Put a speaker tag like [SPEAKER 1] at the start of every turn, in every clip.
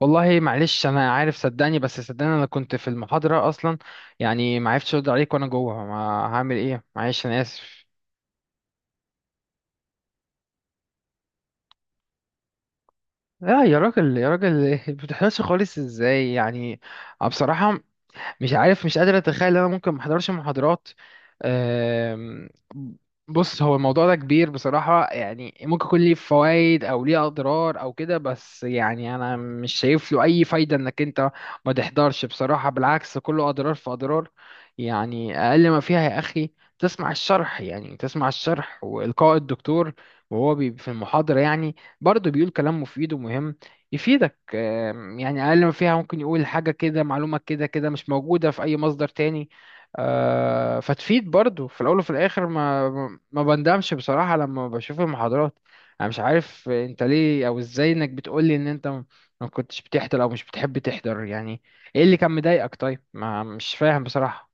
[SPEAKER 1] والله، معلش، انا عارف، صدقني بس صدقني انا كنت في المحاضره اصلا. يعني ما عرفتش ارد عليك وانا جوه. ما هعمل ايه؟ معلش، انا اسف. لا يا راجل يا راجل ما بتحضرش خالص ازاي يعني؟ أنا بصراحه مش عارف، مش قادر اتخيل ان انا ممكن ما احضرش محاضرات. أم، بص، هو الموضوع ده كبير بصراحة، يعني ممكن يكون ليه فوائد او ليه اضرار او كده، بس يعني انا مش شايف له اي فايدة انك انت ما تحضرش بصراحة، بالعكس كله اضرار في اضرار. يعني اقل ما فيها يا اخي، تسمع الشرح، يعني تسمع الشرح والقاء الدكتور وهو بي في المحاضرة، يعني برضه بيقول كلام مفيد ومهم يفيدك. يعني اقل ما فيها ممكن يقول حاجه كده، معلومه كده كده مش موجوده في اي مصدر تاني. فتفيد برضو في الاول وفي الاخر، ما بندمش بصراحه لما بشوف المحاضرات. انا مش عارف انت ليه او ازاي انك بتقولي ان انت ما كنتش بتحضر او مش بتحب تحضر، يعني ايه اللي كان مضايقك؟ طيب، ما مش فاهم بصراحه.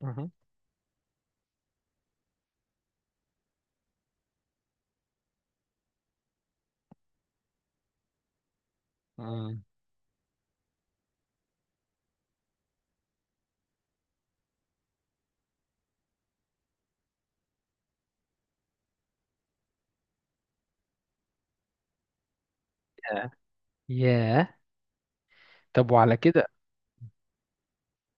[SPEAKER 1] مهم. مم. ياه، طب وعلى كده؟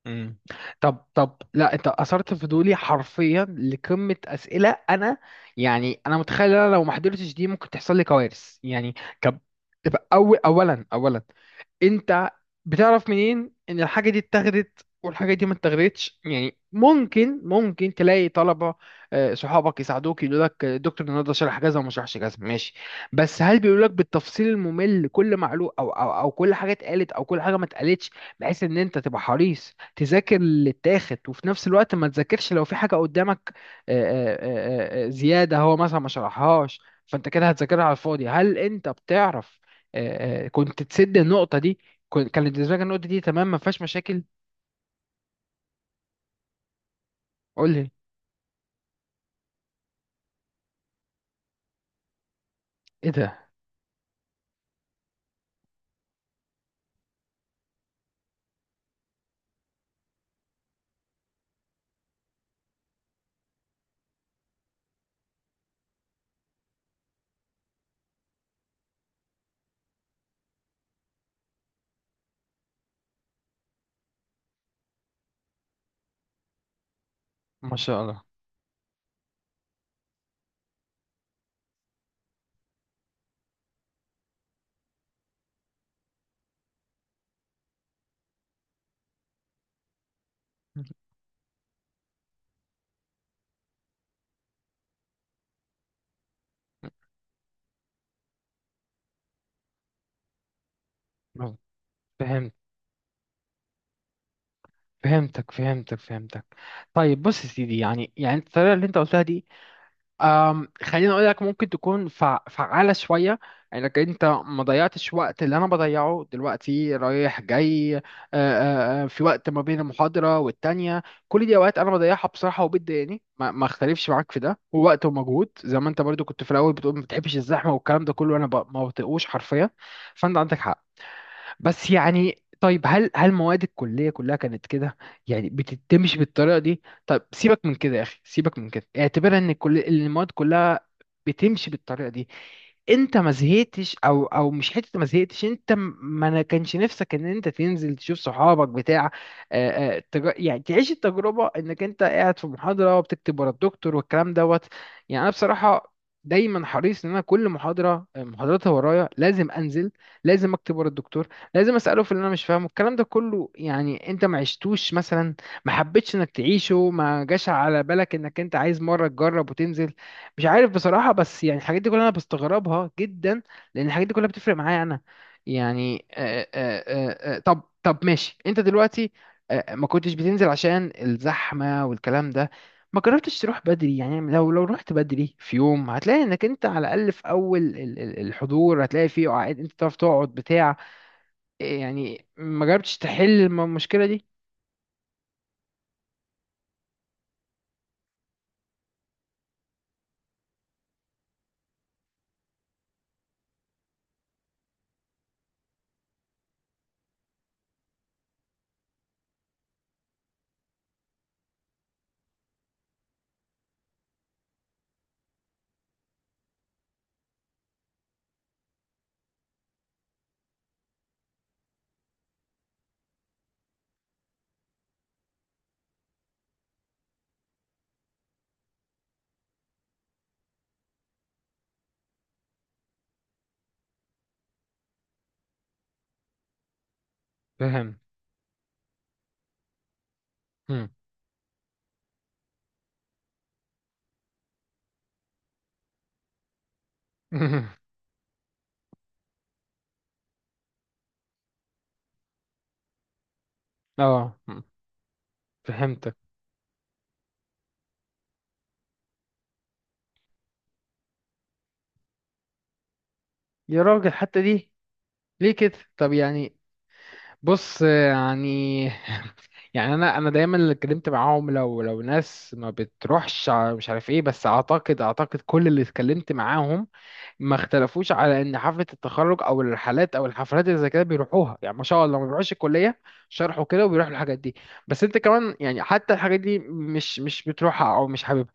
[SPEAKER 1] مم. طب، لا، انت اثرت فضولي حرفيا، لقمه اسئله انا، يعني انا متخيل ان انا لو ما حضرتش دي ممكن تحصل لي كوارث يعني. كب... تبقى أول اولا اولا، انت بتعرف منين ان الحاجه دي اتاخدت والحاجه دي ما اتاخدتش؟ يعني ممكن تلاقي طلبه، صحابك يساعدوك يقولوا لك، دكتور النهارده شرح كذا وما شرحش كذا، ماشي. بس هل بيقولوا لك بالتفصيل الممل كل معلومه او كل حاجه اتقالت او كل حاجه ما اتقالتش؟ بحيث ان انت تبقى حريص تذاكر اللي اتاخد، وفي نفس الوقت ما تذاكرش لو في حاجه قدامك، آه، زياده هو مثلا ما شرحهاش، فانت كده هتذاكرها على الفاضي. هل انت بتعرف كنت تسد النقطه دي؟ كانت بالنسبه لك النقطه دي تمام، ما فيهاش مشاكل. قول لي. ايه ده؟ ما شاء الله. فهمت. فهمتك، فهمتك، فهمتك. طيب بص يا سيدي، يعني الطريقه اللي انت قلتها دي، خليني اقول لك ممكن تكون فعالة شوية. انك انت ما ضيعتش وقت اللي انا بضيعه دلوقتي رايح جاي، في وقت ما بين المحاضرة والتانية، كل دي اوقات انا بضيعها بصراحة وبتضايقني، ما اختلفش معاك في ده. ووقت ومجهود زي ما انت برضو كنت في الاول بتقول ما بتحبش الزحمة والكلام ده كله، انا ما بطيقوش حرفيا. فانت عندك حق. بس يعني طيب، هل مواد الكلية كلها كانت كده؟ يعني بتتمشي بالطريقة دي. طب سيبك من كده يا أخي، سيبك من كده، اعتبرها إن كل المواد كلها بتمشي بالطريقة دي. انت ما زهقتش او مش حته ما زهقتش؟ انت ما انا كانش نفسك ان انت تنزل تشوف صحابك بتاع، يعني تعيش التجربه انك انت قاعد في محاضره وبتكتب ورا الدكتور والكلام دوت؟ يعني انا بصراحه دايما حريص ان انا كل محاضره، محاضراتها ورايا، لازم انزل، لازم اكتب ورا الدكتور، لازم اساله في اللي انا مش فاهمه، الكلام ده كله. يعني انت ما عشتوش مثلا؟ ما حبيتش انك تعيشه؟ ما جاش على بالك انك انت عايز مره تجرب وتنزل؟ مش عارف بصراحه، بس يعني الحاجات دي كلها انا بستغربها جدا، لان الحاجات دي كلها بتفرق معايا انا. يعني طب ماشي، انت دلوقتي ما كنتش بتنزل عشان الزحمه والكلام ده، ما جربتش تروح بدري؟ يعني لو رحت بدري في يوم هتلاقي انك انت على الاقل في اول ال- الحضور، هتلاقي فيه قعد، انت تعرف تقعد بتاع. يعني ما جربتش تحل المشكلة دي؟ فهمت. مم. اه، مم. فهمتك. يا راجل حتى دي، ليه كده؟ طب يعني. بص يعني. يعني انا دايما اللي اتكلمت معاهم، لو ناس ما بتروحش مش عارف ايه، بس اعتقد كل اللي اتكلمت معاهم ما اختلفوش على ان حفله التخرج او الرحلات او الحفلات اللي زي كده بيروحوها، يعني ما شاء الله ما بيروحوش الكليه، شرحوا كده وبيروحوا الحاجات دي. بس انت كمان يعني، حتى الحاجات دي مش بتروحها او مش حاببها؟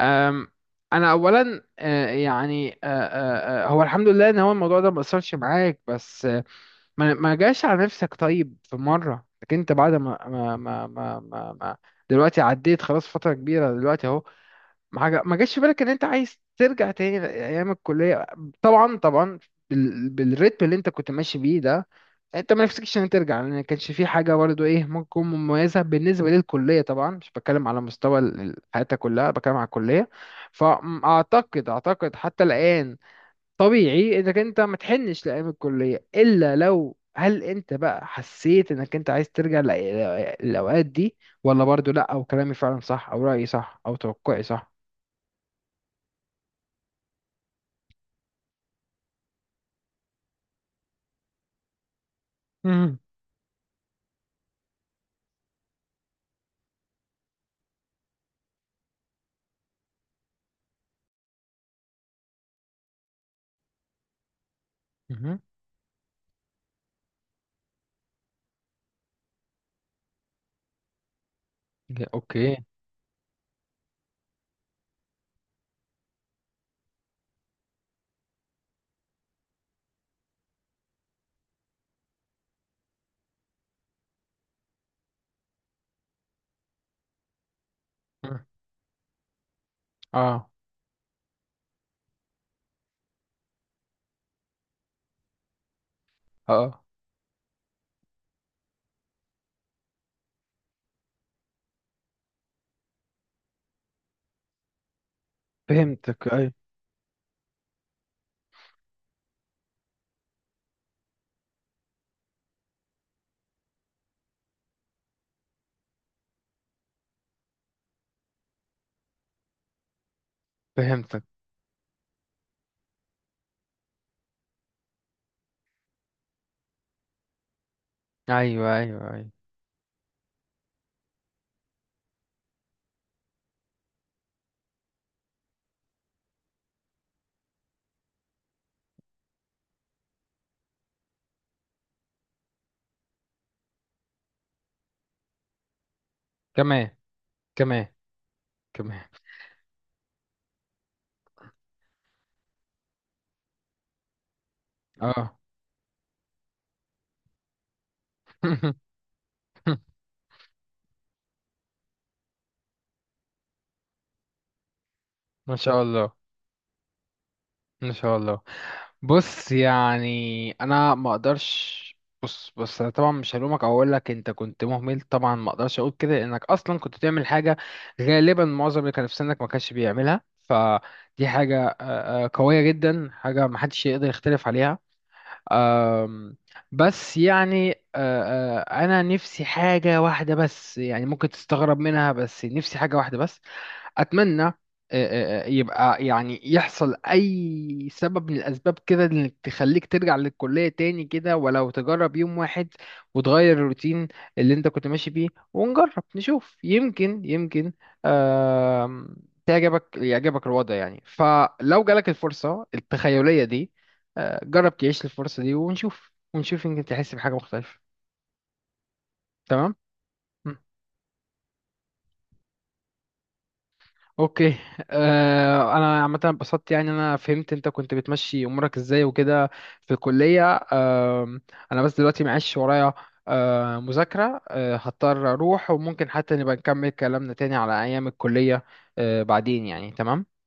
[SPEAKER 1] أم، انا اولا، يعني هو الحمد لله ان هو الموضوع ده ما اثرش معاك، بس ما جاش على نفسك طيب في مره؟ لكن انت بعد دلوقتي عديت خلاص فتره كبيره دلوقتي اهو. ما جاش في بالك ان انت عايز ترجع تاني ايام الكليه؟ طبعا، طبعا. بالريتم اللي انت كنت ماشي بيه ده، انت ما نفسكش ان ترجع، لان ما كانش في حاجه برضه ايه ممكن تكون مميزه بالنسبه للكليه، طبعا مش بتكلم على مستوى ال- حياتك كلها، بتكلم على الكليه. فاعتقد حتى الان طبيعي انك انت ما تحنش لايام الكليه، الا لو، هل انت بقى حسيت انك انت عايز ترجع لأ- للاوقات دي؟ ولا برضه لا، او كلامي فعلا صح، او رايي صح، او توقعي صح؟ مم. مم. لا، اوكي. مم. اه. اه، فهمتك. ايوه، فهمتك. ايوه، ايوه، ايوه. كمان، كمان، كمان. اه. ما شاء الله، ما شاء الله. بص يعني انا ما اقدرش. بص، بص، انا طبعا مش هلومك او اقول لك انت كنت مهمل، طبعا ما اقدرش اقول كده لانك اصلا كنت بتعمل حاجه غالبا معظم اللي كان في سنك ما كانش بيعملها، فدي حاجه قويه جدا، حاجه ما حدش يقدر يختلف عليها. أم، بس يعني أه، أه، انا نفسي حاجة واحدة بس، يعني ممكن تستغرب منها، بس نفسي حاجة واحدة بس، اتمنى يبقى يعني يحصل اي سبب من الاسباب كده انك تخليك ترجع للكليه تاني كده، ولو تجرب يوم واحد وتغير الروتين اللي انت كنت ماشي بيه، ونجرب نشوف يمكن، آم، يعجبك الوضع. يعني فلو جالك الفرصه التخيليه دي، جرب تعيش الفرصه دي، ونشوف، يمكن تحس بحاجه مختلفه. تمام. اوكي. انا عامه انبسطت، يعني انا فهمت انت كنت بتمشي امورك ازاي وكده في الكليه. آه انا بس دلوقتي معيش ورايا مذاكره، هضطر اروح. وممكن حتى نبقى نكمل كلامنا تاني على ايام الكليه بعدين، يعني. تمام.